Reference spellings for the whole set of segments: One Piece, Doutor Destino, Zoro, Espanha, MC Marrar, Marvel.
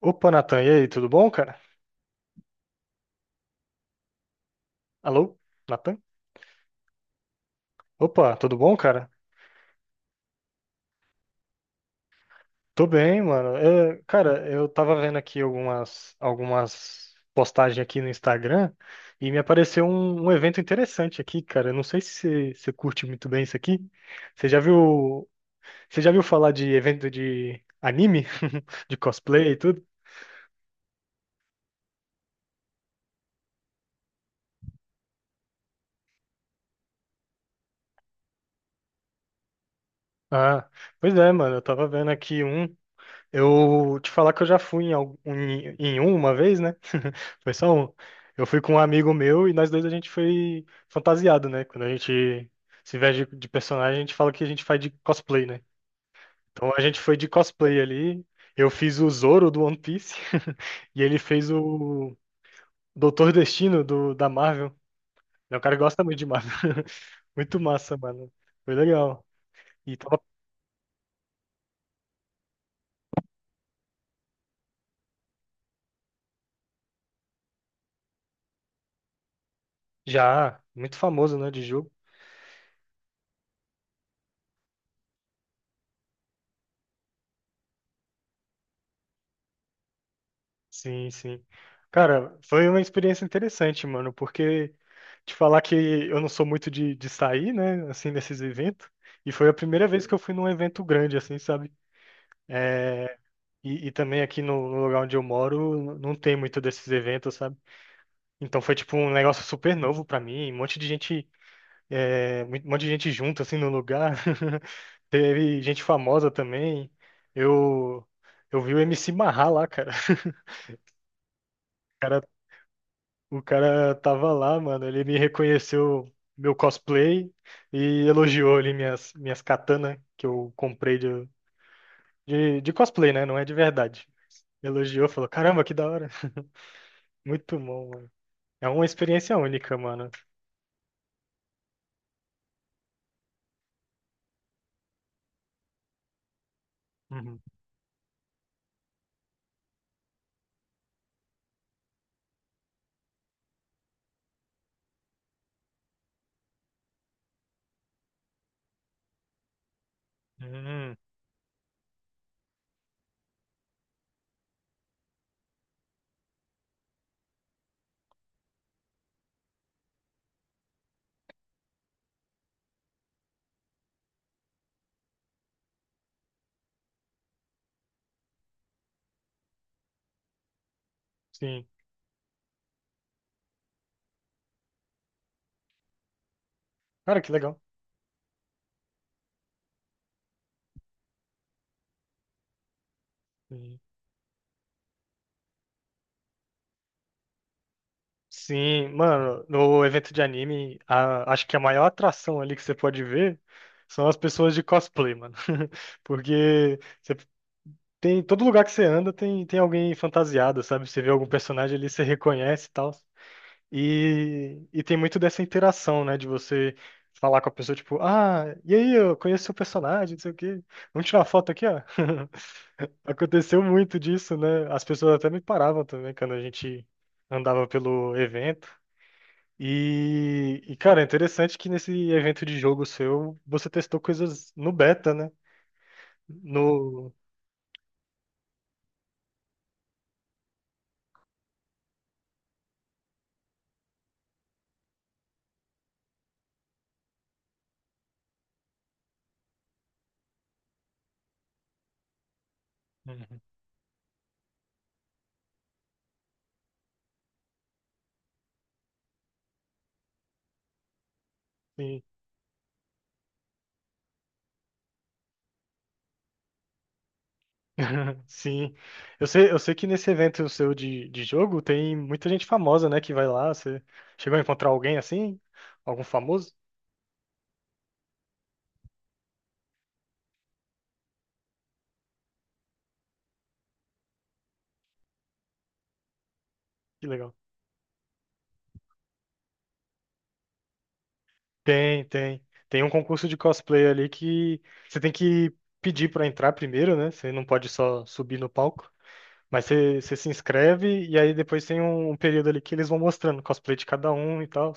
Opa, Natan, e aí, tudo bom, cara? Alô, Natan? Opa, tudo bom, cara? Tô bem, mano. Cara, eu tava vendo aqui algumas postagens aqui no Instagram e me apareceu um evento interessante aqui, cara. Eu não sei se você curte muito bem isso aqui. Você já viu, você já viu falar de evento de anime? De cosplay e tudo? Ah, pois é, mano. Eu tava vendo aqui um. Eu te falar que eu já fui em, em um uma vez, né? Foi só um. Eu fui com um amigo meu e nós dois a gente foi fantasiado, né? Quando a gente se veste de personagem, a gente fala que a gente faz de cosplay, né? Então a gente foi de cosplay ali. Eu fiz o Zoro do One Piece e ele fez o Doutor Destino da Marvel. É um cara que gosta muito de Marvel. Muito massa, mano. Foi legal. E tava já muito famoso, né, de jogo. Sim, sim. Cara, foi uma experiência interessante, mano, porque te falar que eu não sou muito de sair, né, assim, nesses eventos, e foi a primeira vez que eu fui num evento grande, assim, sabe? É, e também aqui no lugar onde eu moro não tem muito desses eventos, sabe? Então foi tipo um negócio super novo pra mim, um monte de gente, um monte de gente junto, assim, no lugar. Teve gente famosa também. Eu, eu vi o MC Marrar lá, cara. O cara tava lá, mano. Ele me reconheceu meu cosplay e elogiou ali minhas katanas que eu comprei de cosplay, né? Não é de verdade. Elogiou, falou: Caramba, que da hora. Muito bom, mano. É uma experiência única, mano. Uhum. Hum, sim. Cara, que legal. Sim, sim, mano. No evento de anime, acho que a maior atração ali que você pode ver são as pessoas de cosplay, mano. Porque. Você Tem todo lugar que você anda tem, tem alguém fantasiado, sabe? Você vê algum personagem ali, você reconhece e tal. E tem muito dessa interação, né? De você falar com a pessoa, tipo, ah, e aí, eu conheço seu personagem, não sei o quê. Vamos tirar uma foto aqui, ó. Aconteceu muito disso, né? As pessoas até me paravam também quando a gente andava pelo evento. E cara, é interessante que nesse evento de jogo seu, você testou coisas no beta, né? No. Uhum. Sim. Sim. Eu sei que nesse evento seu de jogo tem muita gente famosa, né, que vai lá. Você chegou a encontrar alguém assim? Algum famoso? Que legal. Tem, tem. Tem um concurso de cosplay ali que você tem que pedir pra entrar primeiro, né? Você não pode só subir no palco. Mas você se inscreve e aí depois tem um período ali que eles vão mostrando o cosplay de cada um e tal.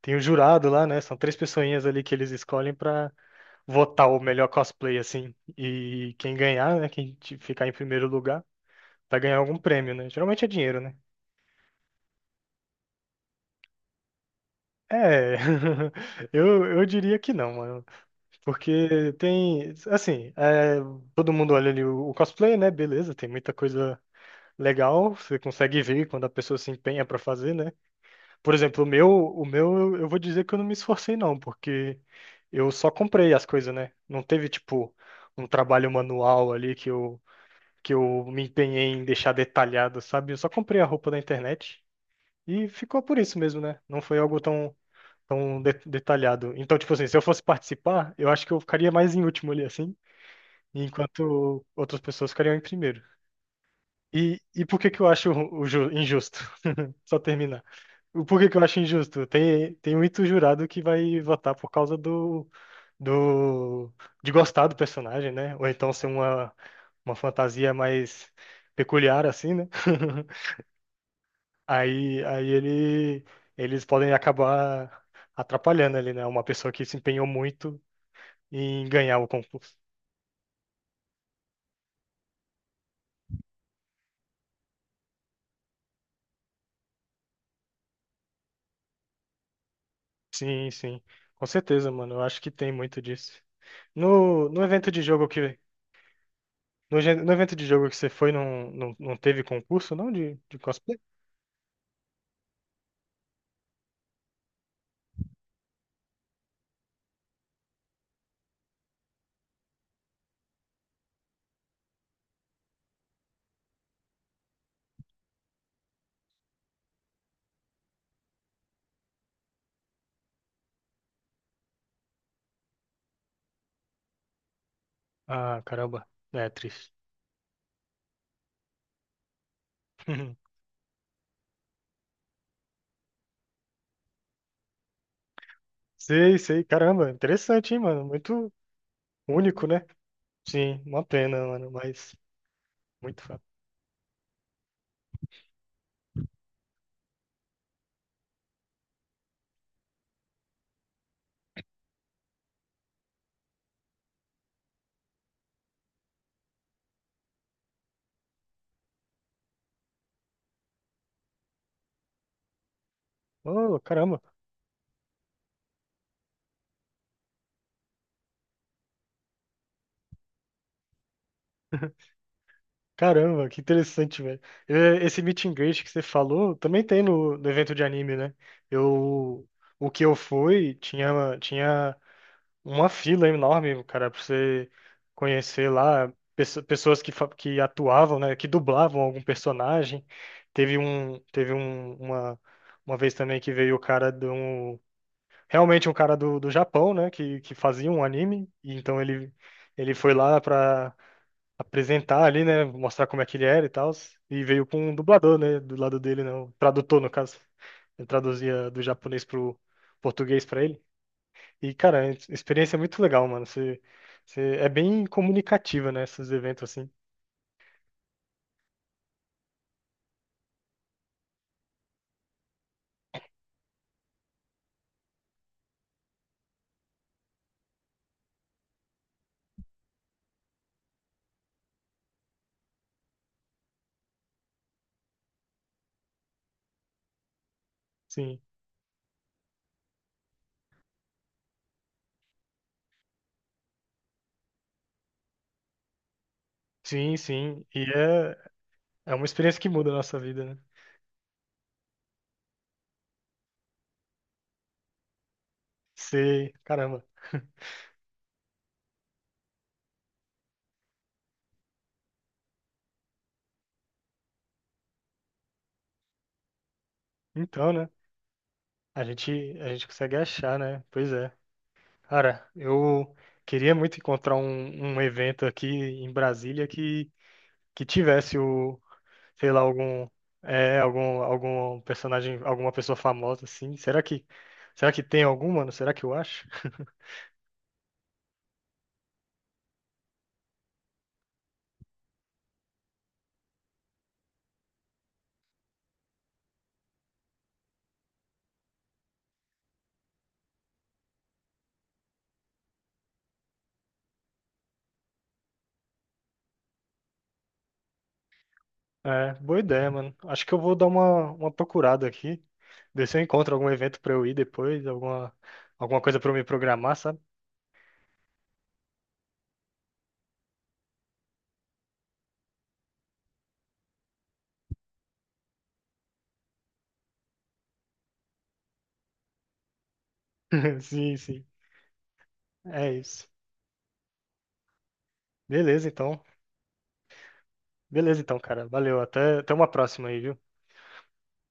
Tem o jurado lá, né? São três pessoinhas ali que eles escolhem pra votar o melhor cosplay, assim. E quem ganhar, né? Quem ficar em primeiro lugar, vai ganhar algum prêmio, né? Geralmente é dinheiro, né? É, eu diria que não, mano. Porque tem, assim, é, todo mundo olha ali o cosplay, né? Beleza, tem muita coisa legal, você consegue ver quando a pessoa se empenha pra fazer, né? Por exemplo, o meu, eu vou dizer que eu não me esforcei, não, porque eu só comprei as coisas, né? Não teve, tipo, um trabalho manual ali que eu me empenhei em deixar detalhado, sabe? Eu só comprei a roupa na internet e ficou por isso mesmo, né? Não foi algo tão, detalhado. Então, tipo assim, se eu fosse participar, eu acho que eu ficaria mais em último ali, assim, enquanto outras pessoas ficariam em primeiro. E por que que eu acho o injusto? Só terminar. O porquê que eu acho injusto? Tem, tem muito jurado que vai votar por causa do, de gostar do personagem, né? Ou então ser uma fantasia mais peculiar, assim, né? Aí eles podem acabar atrapalhando ali, né? Uma pessoa que se empenhou muito em ganhar o concurso. Sim, sim. Com certeza, mano. Eu acho que tem muito disso. No evento de jogo que. No evento de jogo que você foi, não, não, não teve concurso, não? De cosplay? Ah, caramba. É triste. Sei, sei. Caramba, interessante, hein, mano? Muito único, né? Sim, uma pena, mano, mas muito fato. Oh, caramba. Caramba, que interessante, velho. É, esse meet and greet que você falou também tem no evento de anime, né? Eu, o que eu fui tinha, tinha uma fila enorme, cara, pra você conhecer lá pessoas que, que atuavam, né, que dublavam algum personagem. Teve um, teve um, uma, uma vez também que veio o cara de um, realmente um cara do Japão, né, que fazia um anime, e então ele foi lá pra apresentar ali, né, mostrar como é que ele era e tal, e veio com um dublador, né, do lado dele, né, um tradutor, no caso. Ele traduzia do japonês pro português pra ele. E, cara, é experiência é muito legal, mano. Você é bem comunicativa, né? Esses eventos assim. Sim, sim, sim. E é, é uma experiência que muda a nossa vida, né? Você, caramba. Então, né? A gente, a gente consegue achar, né? Pois é. Cara, eu queria muito encontrar um, um evento aqui em Brasília que tivesse o, sei lá, algum, é, algum personagem, alguma pessoa famosa, assim. Será que tem algum, mano? Será que eu acho? É, boa ideia, mano. Acho que eu vou dar uma procurada aqui, ver se eu encontro algum evento pra eu ir depois, alguma, alguma coisa pra eu me programar, sabe? Sim, sim. É isso. Beleza, então. Beleza, então, cara. Valeu. Até, até uma próxima aí, viu?